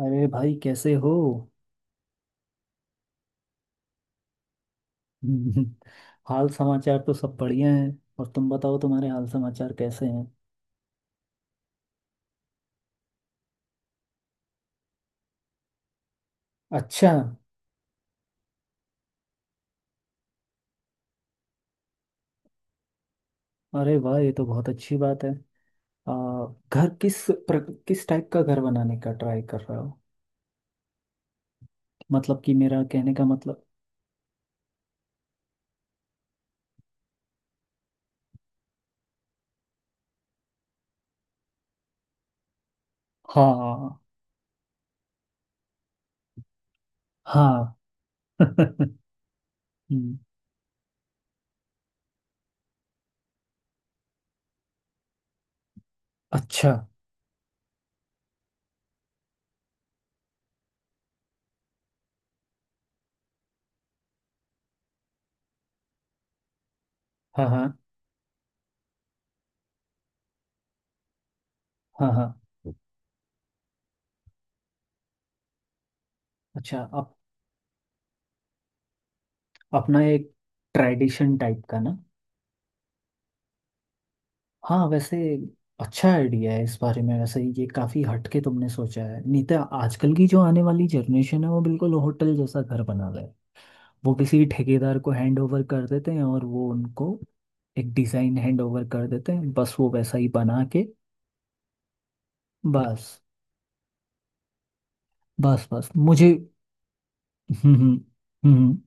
अरे भाई कैसे हो। हाल समाचार तो सब बढ़िया है। और तुम बताओ, तुम्हारे हाल समाचार कैसे हैं? अच्छा। अरे वाह, ये तो बहुत अच्छी बात है। आ, घर किस प्र, किस टाइप का घर बनाने का ट्राई कर रहे हो? मतलब कि मेरा कहने का मतलब। हाँ हाँ। हम्म। अच्छा। हाँ हाँ, हाँ हाँ। अच्छा। अपना एक ट्रेडिशन टाइप का ना। हाँ वैसे। अच्छा आइडिया है इस बारे में। वैसे ये काफ़ी हटके तुमने सोचा है, नहीं तो आजकल की जो आने वाली जनरेशन है वो बिल्कुल होटल जैसा घर बना रहे है। वो किसी ठेकेदार को हैंड ओवर कर देते हैं और वो उनको एक डिज़ाइन हैंड ओवर कर देते हैं, बस वो वैसा ही बना के। बस बस बस, मुझे। हम्म। हम्म, हम्म।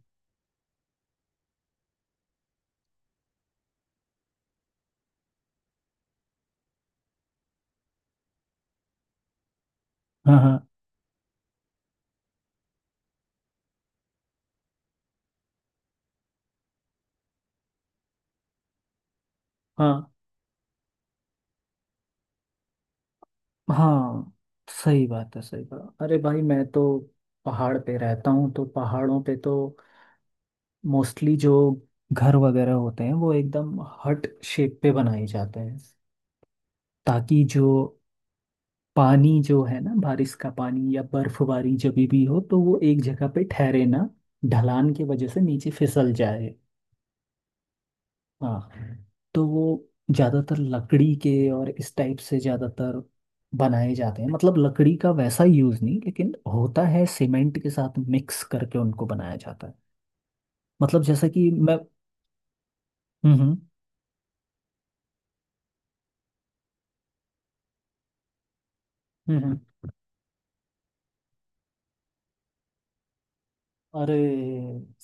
हाँ हाँ, हाँ हाँ। सही बात है, सही बात। अरे भाई मैं तो पहाड़ पे रहता हूँ, तो पहाड़ों पे तो मोस्टली जो घर वगैरह होते हैं वो एकदम हट शेप पे बनाए जाते हैं। ताकि जो पानी, जो है ना बारिश का पानी या बर्फबारी, जब भी हो तो वो एक जगह पे ठहरे ना। ढलान की वजह से नीचे फिसल जाए। हाँ। तो वो ज़्यादातर लकड़ी के और इस टाइप से ज़्यादातर बनाए जाते हैं, मतलब लकड़ी का वैसा यूज़ नहीं लेकिन होता है, सीमेंट के साथ मिक्स करके उनको बनाया जाता है। मतलब जैसे कि मैं। हम्म। हम्म। अरे,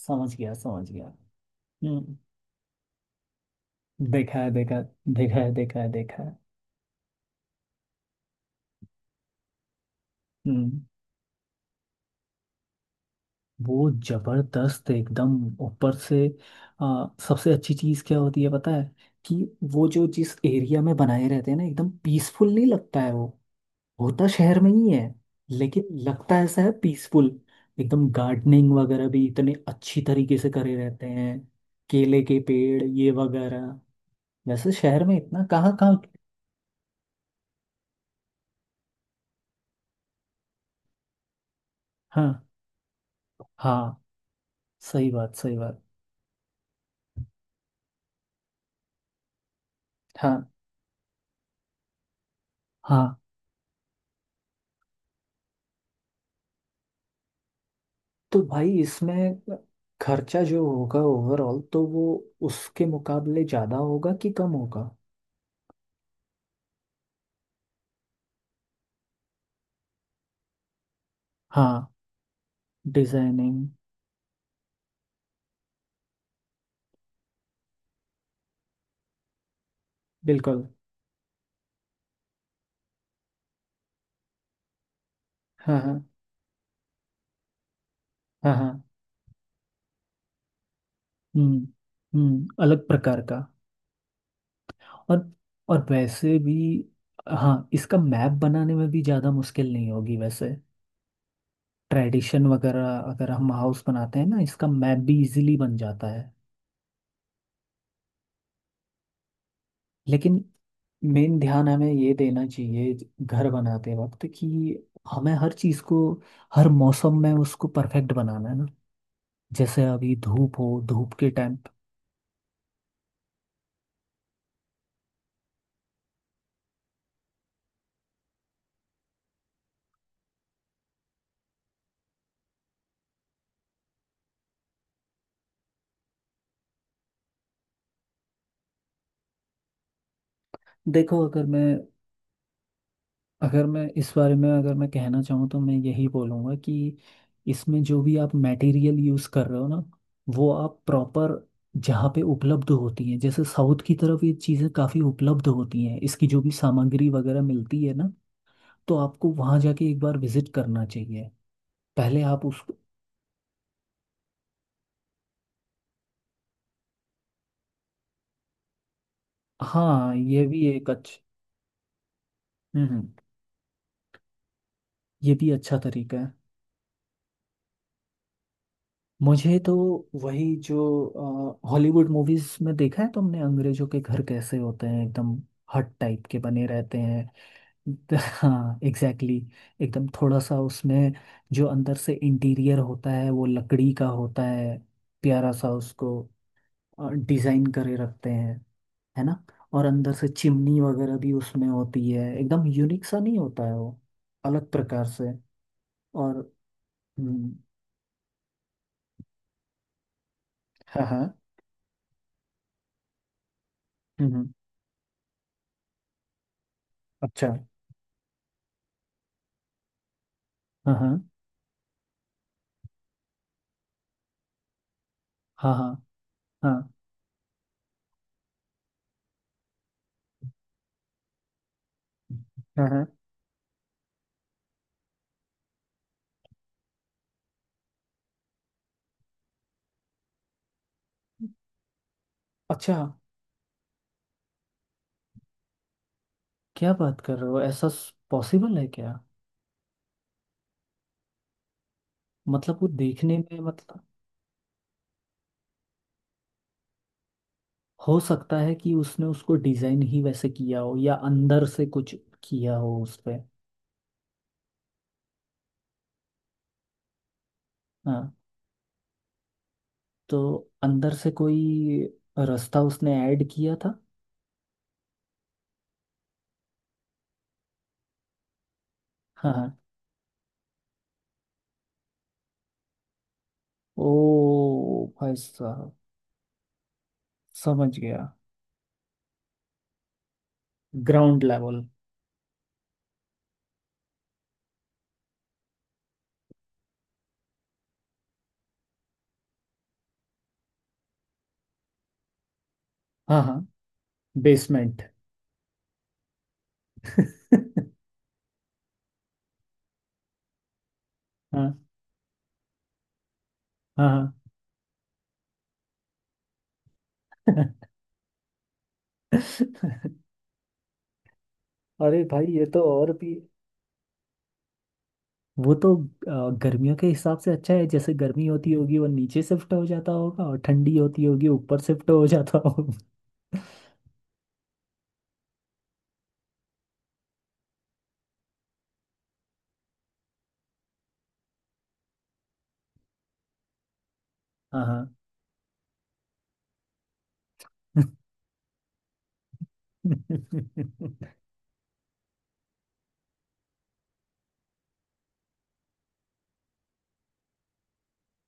समझ गया समझ गया। हम्म। देखा है, देखा है, देखा है, देखा है, देखा है। हम्म। वो जबरदस्त एकदम। ऊपर से। सबसे अच्छी चीज क्या होती है पता है? कि वो जो, जिस एरिया में बनाए रहते हैं ना, एकदम पीसफुल नहीं लगता है वो। होता शहर में ही है, लेकिन लगता ऐसा है पीसफुल। एकदम गार्डनिंग वगैरह भी इतने अच्छी तरीके से करे रहते हैं। केले के पेड़, ये वगैरह। वैसे शहर में इतना कहाँ कहाँ। हाँ हाँ। सही बात, सही बात। हाँ हाँ। तो भाई इसमें खर्चा जो होगा ओवरऑल तो वो उसके मुकाबले ज़्यादा होगा कि कम होगा? हाँ। डिजाइनिंग। बिल्कुल। हाँ हाँ। हाँ हाँ। हम्म हम्म, अलग प्रकार का। और। और वैसे भी। हाँ, इसका मैप बनाने में भी ज़्यादा मुश्किल नहीं होगी वैसे। ट्रेडिशन वगैरह अगर हम हाउस बनाते हैं ना, इसका मैप भी इजीली बन जाता है। लेकिन मेन ध्यान हमें ये देना चाहिए घर बनाते वक्त कि हमें हर चीज़ को हर मौसम में उसको परफेक्ट बनाना है ना। जैसे अभी धूप हो, धूप के टाइम। देखो, अगर मैं इस बारे में, अगर मैं कहना चाहूँ तो मैं यही बोलूँगा कि इसमें जो भी आप मटेरियल यूज़ कर रहे हो ना, वो आप प्रॉपर, जहाँ पे उपलब्ध होती हैं, जैसे साउथ की तरफ ये चीज़ें काफ़ी उपलब्ध होती हैं, इसकी जो भी सामग्री वगैरह मिलती है ना, तो आपको वहां जाके एक बार विजिट करना चाहिए, पहले आप उसको। हाँ, ये भी एक अच्छा। हम्म। ये भी अच्छा तरीका है। मुझे तो वही, जो हॉलीवुड मूवीज में देखा है तुमने, अंग्रेजों के घर कैसे होते हैं, एकदम हट टाइप के बने रहते हैं। हाँ एग्जैक्टली exactly, एकदम थोड़ा सा उसमें जो अंदर से इंटीरियर होता है वो लकड़ी का होता है। प्यारा सा उसको डिजाइन करे रखते हैं। है ना। और अंदर से चिमनी वगैरह भी उसमें होती है, एकदम यूनिक सा नहीं होता है वो? अलग प्रकार से। और। हम्म, हाँ हाँ। हम्म हम्म, अच्छा। हाँ हाँ हाँ, हाँ हाँ हाँ हाँ। अच्छा। क्या बात कर रहे हो, ऐसा पॉसिबल है क्या? मतलब वो देखने में मतलब। हो सकता है कि उसने उसको डिजाइन ही वैसे किया हो, या अंदर से कुछ किया हो उस पे। हाँ। तो अंदर से कोई रास्ता उसने ऐड किया था? हाँ हाँ। ओ भाई साहब! समझ गया। Ground level. हाँ हाँ। बेसमेंट। हाँ हाँ। हाँ। अरे भाई, ये तो और भी। वो तो गर्मियों के हिसाब से अच्छा है, जैसे गर्मी होती होगी वो नीचे शिफ्ट हो जाता होगा और ठंडी होती होगी ऊपर शिफ्ट हो जाता होगा। हाँ हाँ।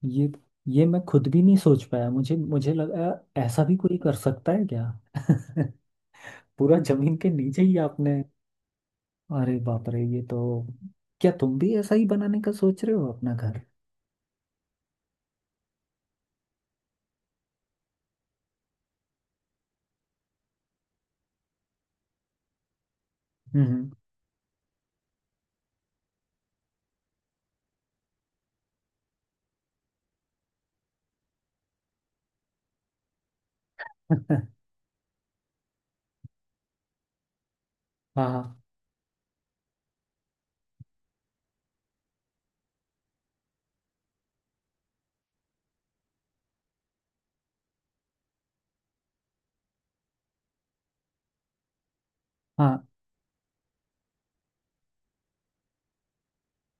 ये ये मैं खुद भी नहीं सोच पाया। मुझे मुझे लगा, ऐसा भी कोई कर सकता है क्या? पूरा जमीन के नीचे ही आपने? अरे बाप रे, ये तो। क्या तुम भी ऐसा ही बनाने का सोच रहे हो अपना घर? हम्म। हाँ हाँ,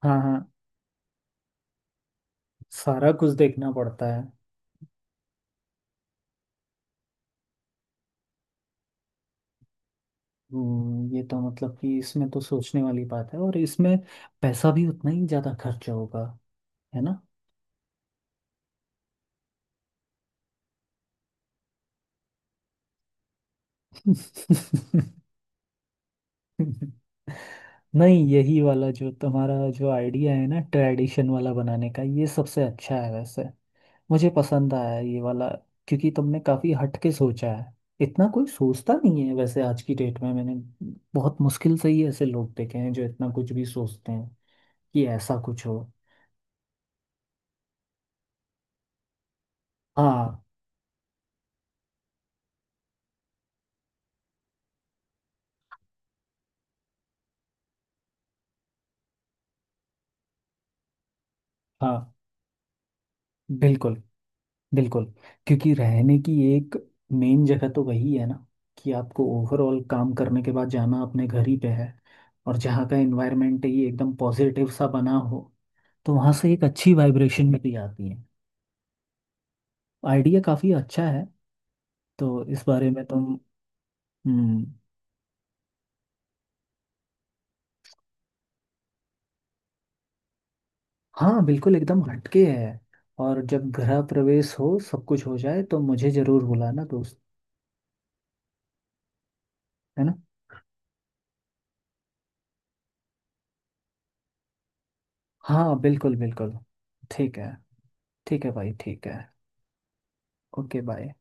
हाँ हाँ। सारा कुछ देखना पड़ता है। ये तो मतलब कि इसमें तो सोचने वाली बात है, और इसमें पैसा भी उतना ही ज्यादा खर्चा होगा। है ना। नहीं, यही वाला जो तुम्हारा जो आइडिया है ना, ट्रेडिशन वाला बनाने का, ये सबसे अच्छा है वैसे। मुझे पसंद आया ये वाला। क्योंकि तुमने काफी हट के सोचा है। इतना कोई सोचता नहीं है वैसे आज की डेट में। मैंने बहुत मुश्किल से ही ऐसे लोग देखे हैं जो इतना कुछ भी सोचते हैं कि ऐसा कुछ हो। हाँ हाँ, बिल्कुल बिल्कुल। क्योंकि रहने की एक मेन जगह तो वही है ना, कि आपको ओवरऑल काम करने के बाद जाना अपने घर ही पे है। और जहाँ का एनवायरनमेंट ही एकदम पॉजिटिव सा बना हो, तो वहाँ से एक अच्छी वाइब्रेशन भी आती है। आइडिया काफ़ी अच्छा है। तो इस बारे में तुम। हम्म। हाँ, बिल्कुल एकदम हटके है। और जब गृह प्रवेश हो सब कुछ हो जाए तो मुझे जरूर बुलाना दोस्त। है ना। हाँ बिल्कुल बिल्कुल। ठीक है। ठीक है भाई, ठीक है। Okay, bye.